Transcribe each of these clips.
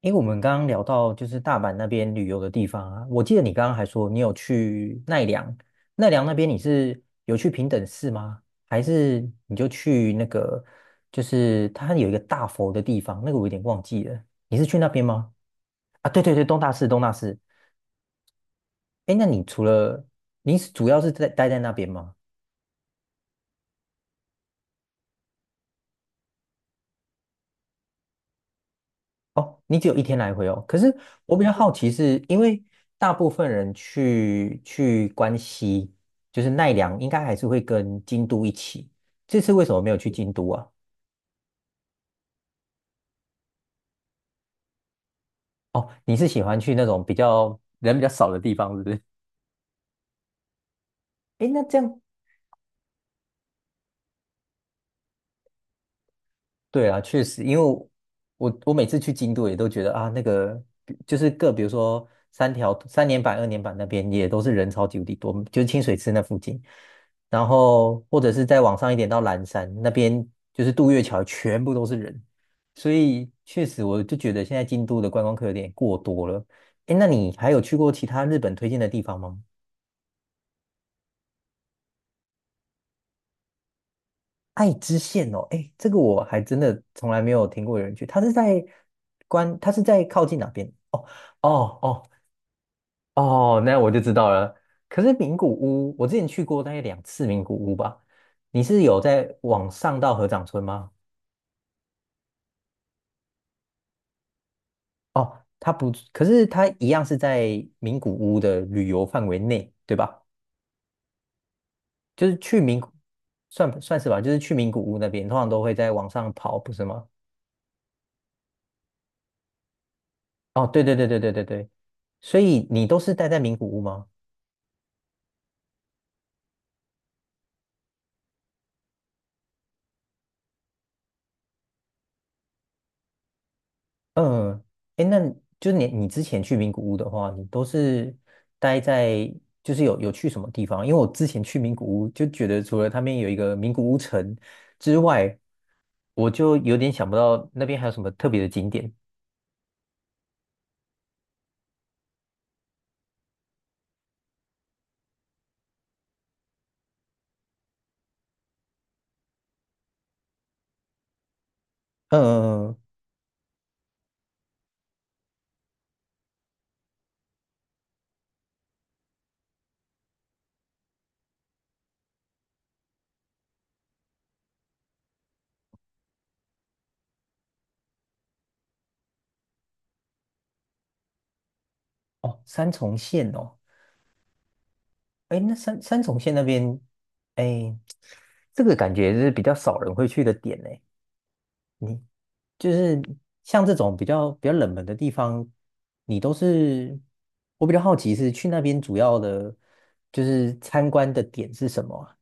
因为我们刚刚聊到就是大阪那边旅游的地方啊，我记得你刚刚还说你有去奈良，奈良那边你是有去平等寺吗？还是你就去那个就是它有一个大佛的地方，那个我有点忘记了，你是去那边吗？啊，对对对，东大寺东大寺。诶，那你除了你是主要是在待在那边吗？哦，你只有一天来回哦。可是我比较好奇是，因为大部分人去关西，就是奈良，应该还是会跟京都一起。这次为什么没有去京都啊？哦，你是喜欢去那种比较人比较少的地方，是不是？诶，那这样对啊，确实，因为我每次去京都也都觉得啊，那个比就是各，比如说三条三年坂、二年坂那边也都是人超级无敌多，就是清水寺那附近，然后或者是再往上一点到岚山那边，就是渡月桥全部都是人，所以确实我就觉得现在京都的观光客有点过多了。哎，那你还有去过其他日本推荐的地方吗？爱知县哦，哎，这个我还真的从来没有听过有人去。他是在靠近哪边？哦哦哦哦，那我就知道了。可是名古屋，我之前去过大概2次名古屋吧。你是有在往上到合掌村吗？哦，它不，可是它一样是在名古屋的旅游范围内，对吧？就是去名古，算是吧，就是去名古屋那边，通常都会在往上跑，不是吗？哦，对对对对对对对，所以你都是待在名古屋吗？嗯，哎，那就是你之前去名古屋的话，你都是待在就是有去什么地方？因为我之前去名古屋就觉得，除了他们有一个名古屋城之外，我就有点想不到那边还有什么特别的景点。嗯，嗯嗯哦，三重县哦，哎，那三重县那边，哎，这个感觉是比较少人会去的点呢。你就是像这种比较冷门的地方，你都是我比较好奇是去那边主要的，就是参观的点是什么啊？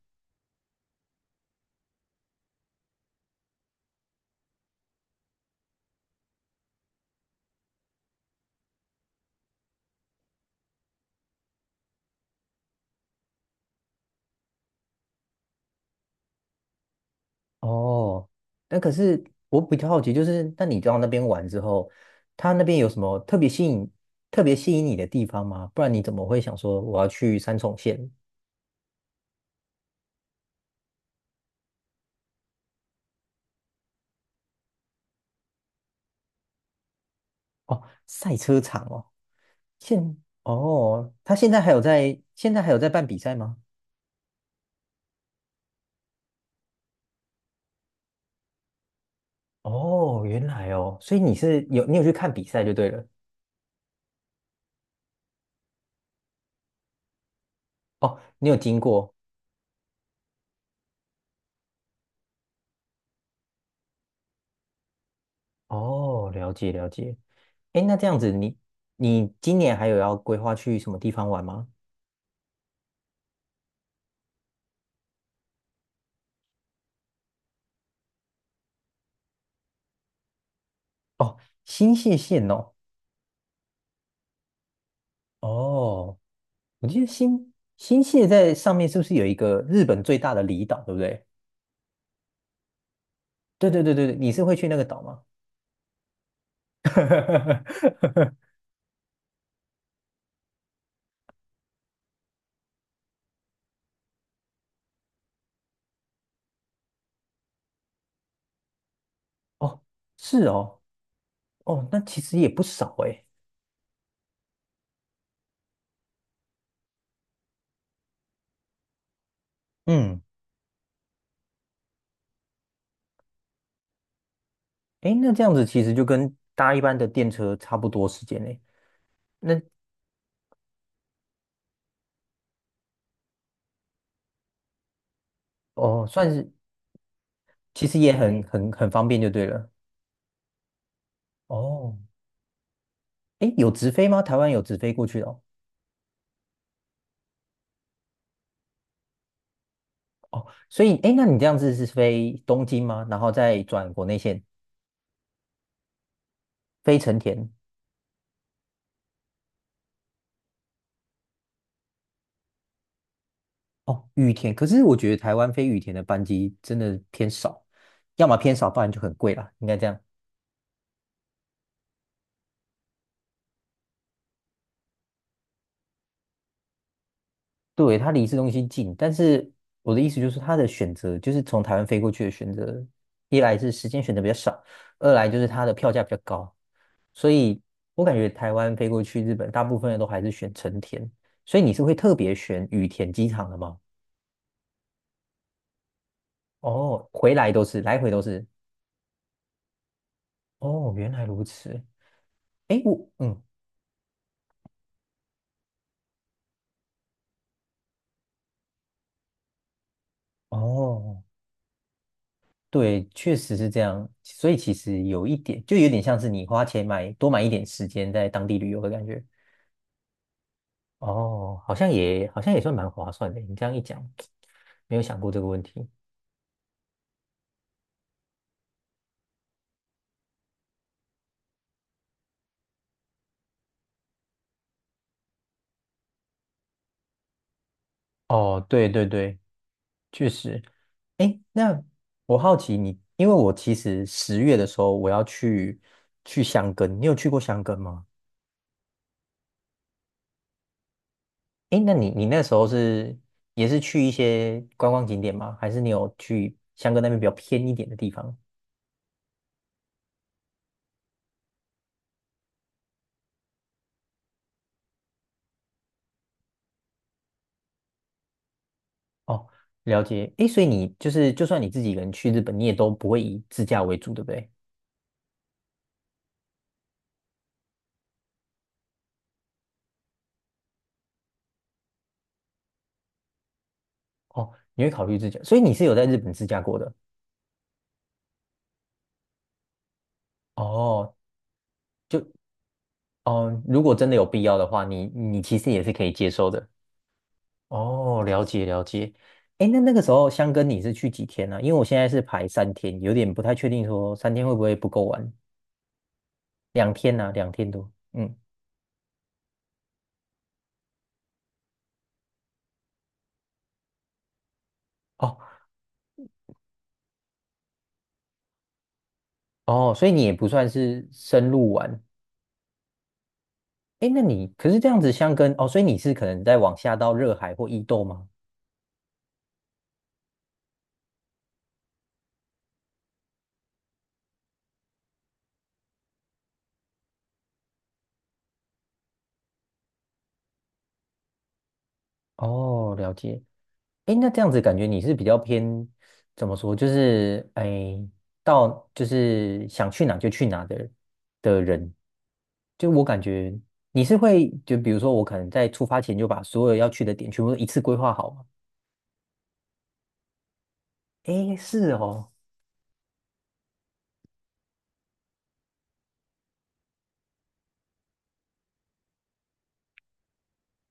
哦，那可是我比较好奇，就是那你到那边玩之后，他那边有什么特别吸引特别吸引你的地方吗？不然你怎么会想说我要去三重县？哦，赛车场哦，现哦，他现在还有在办比赛吗？哦，原来哦，所以你有去看比赛就对了。哦，你有经过哦，了解了解。哎，那这样子你今年还有要规划去什么地方玩吗？哦，新泻县哦，哦，我记得新泻在上面是不是有一个日本最大的离岛，对不对？对对对对对，你是会去那个岛吗？哦，是哦，哦，那其实也不少哎。嗯，哎，那这样子其实就跟搭一般的电车差不多时间嘞。那哦，算是其实也很方便就对了。哦，哎，有直飞吗？台湾有直飞过去的哦。哦，所以哎，诶那你这样子是飞东京吗？然后再转国内线飞成田？哦，羽田，可是我觉得台湾飞羽田的班机真的偏少，要么偏少，不然就很贵啦，应该这样。对，它离市中心近，但是我的意思就是它的选择，就是从台湾飞过去的选择，一来是时间选择比较少，二来就是它的票价比较高。所以我感觉台湾飞过去日本，大部分人都还是选成田，所以你是会特别选羽田机场的吗？哦，回来都是，来回都是。哦，原来如此。诶，嗯，哦，对，确实是这样。所以其实有一点，就有点像是你花钱买多买一点时间在当地旅游的感觉。哦，好像也算蛮划算的。你这样一讲，没有想过这个问题。哦，对对对，确实，哎，那我好奇你，因为我其实10月的时候我要去箱根，你有去过箱根吗？哎，那你那时候也是去一些观光景点吗？还是你有去箱根那边比较偏一点的地方？哦，了解。哎，所以你就算你自己一个人去日本，你也都不会以自驾为主，对不对？哦，你会考虑自驾，所以你是有在日本自驾过的。哦，就哦，如果真的有必要的话，你其实也是可以接受的。哦，了解了解。哎，那个时候香根你是去几天呢、因为我现在是排三天，有点不太确定说三天会不会不够玩。两天呢、2天多。嗯，哦哦，所以你也不算是深入玩。哎，那你可是这样子香根哦，所以你是可能在往下到热海或伊豆吗？哦，了解。诶，那这样子感觉你是比较偏怎么说？就是诶，到就是想去哪就去哪的人。就我感觉你是会，就比如说我可能在出发前就把所有要去的点全部都一次规划好吗？诶，是哦，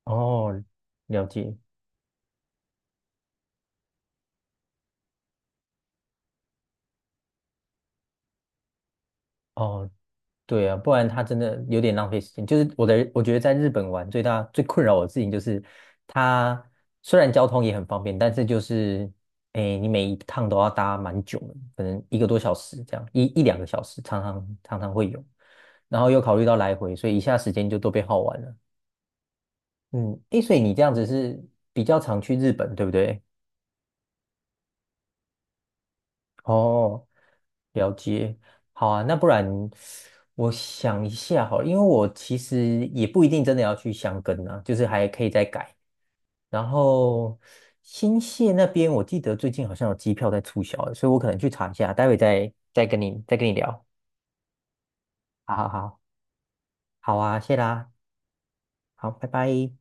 哦，了解。哦，对啊，不然他真的有点浪费时间。我觉得在日本玩最大最困扰我的事情就是，它虽然交通也很方便，但是就是，哎，你每一趟都要搭蛮久的，可能1个多小时这样，一两个小时，常常会有。然后又考虑到来回，所以一下时间就都被耗完了。嗯，哎，所以你这样子是比较常去日本，对不对？哦，了解，好啊，那不然我想一下好了因为我其实也不一定真的要去箱根啊，就是还可以再改。然后新泻那边，我记得最近好像有机票在促销欸所以我可能去查一下，待会再跟你聊。好好好，好啊，谢啦，好，拜拜。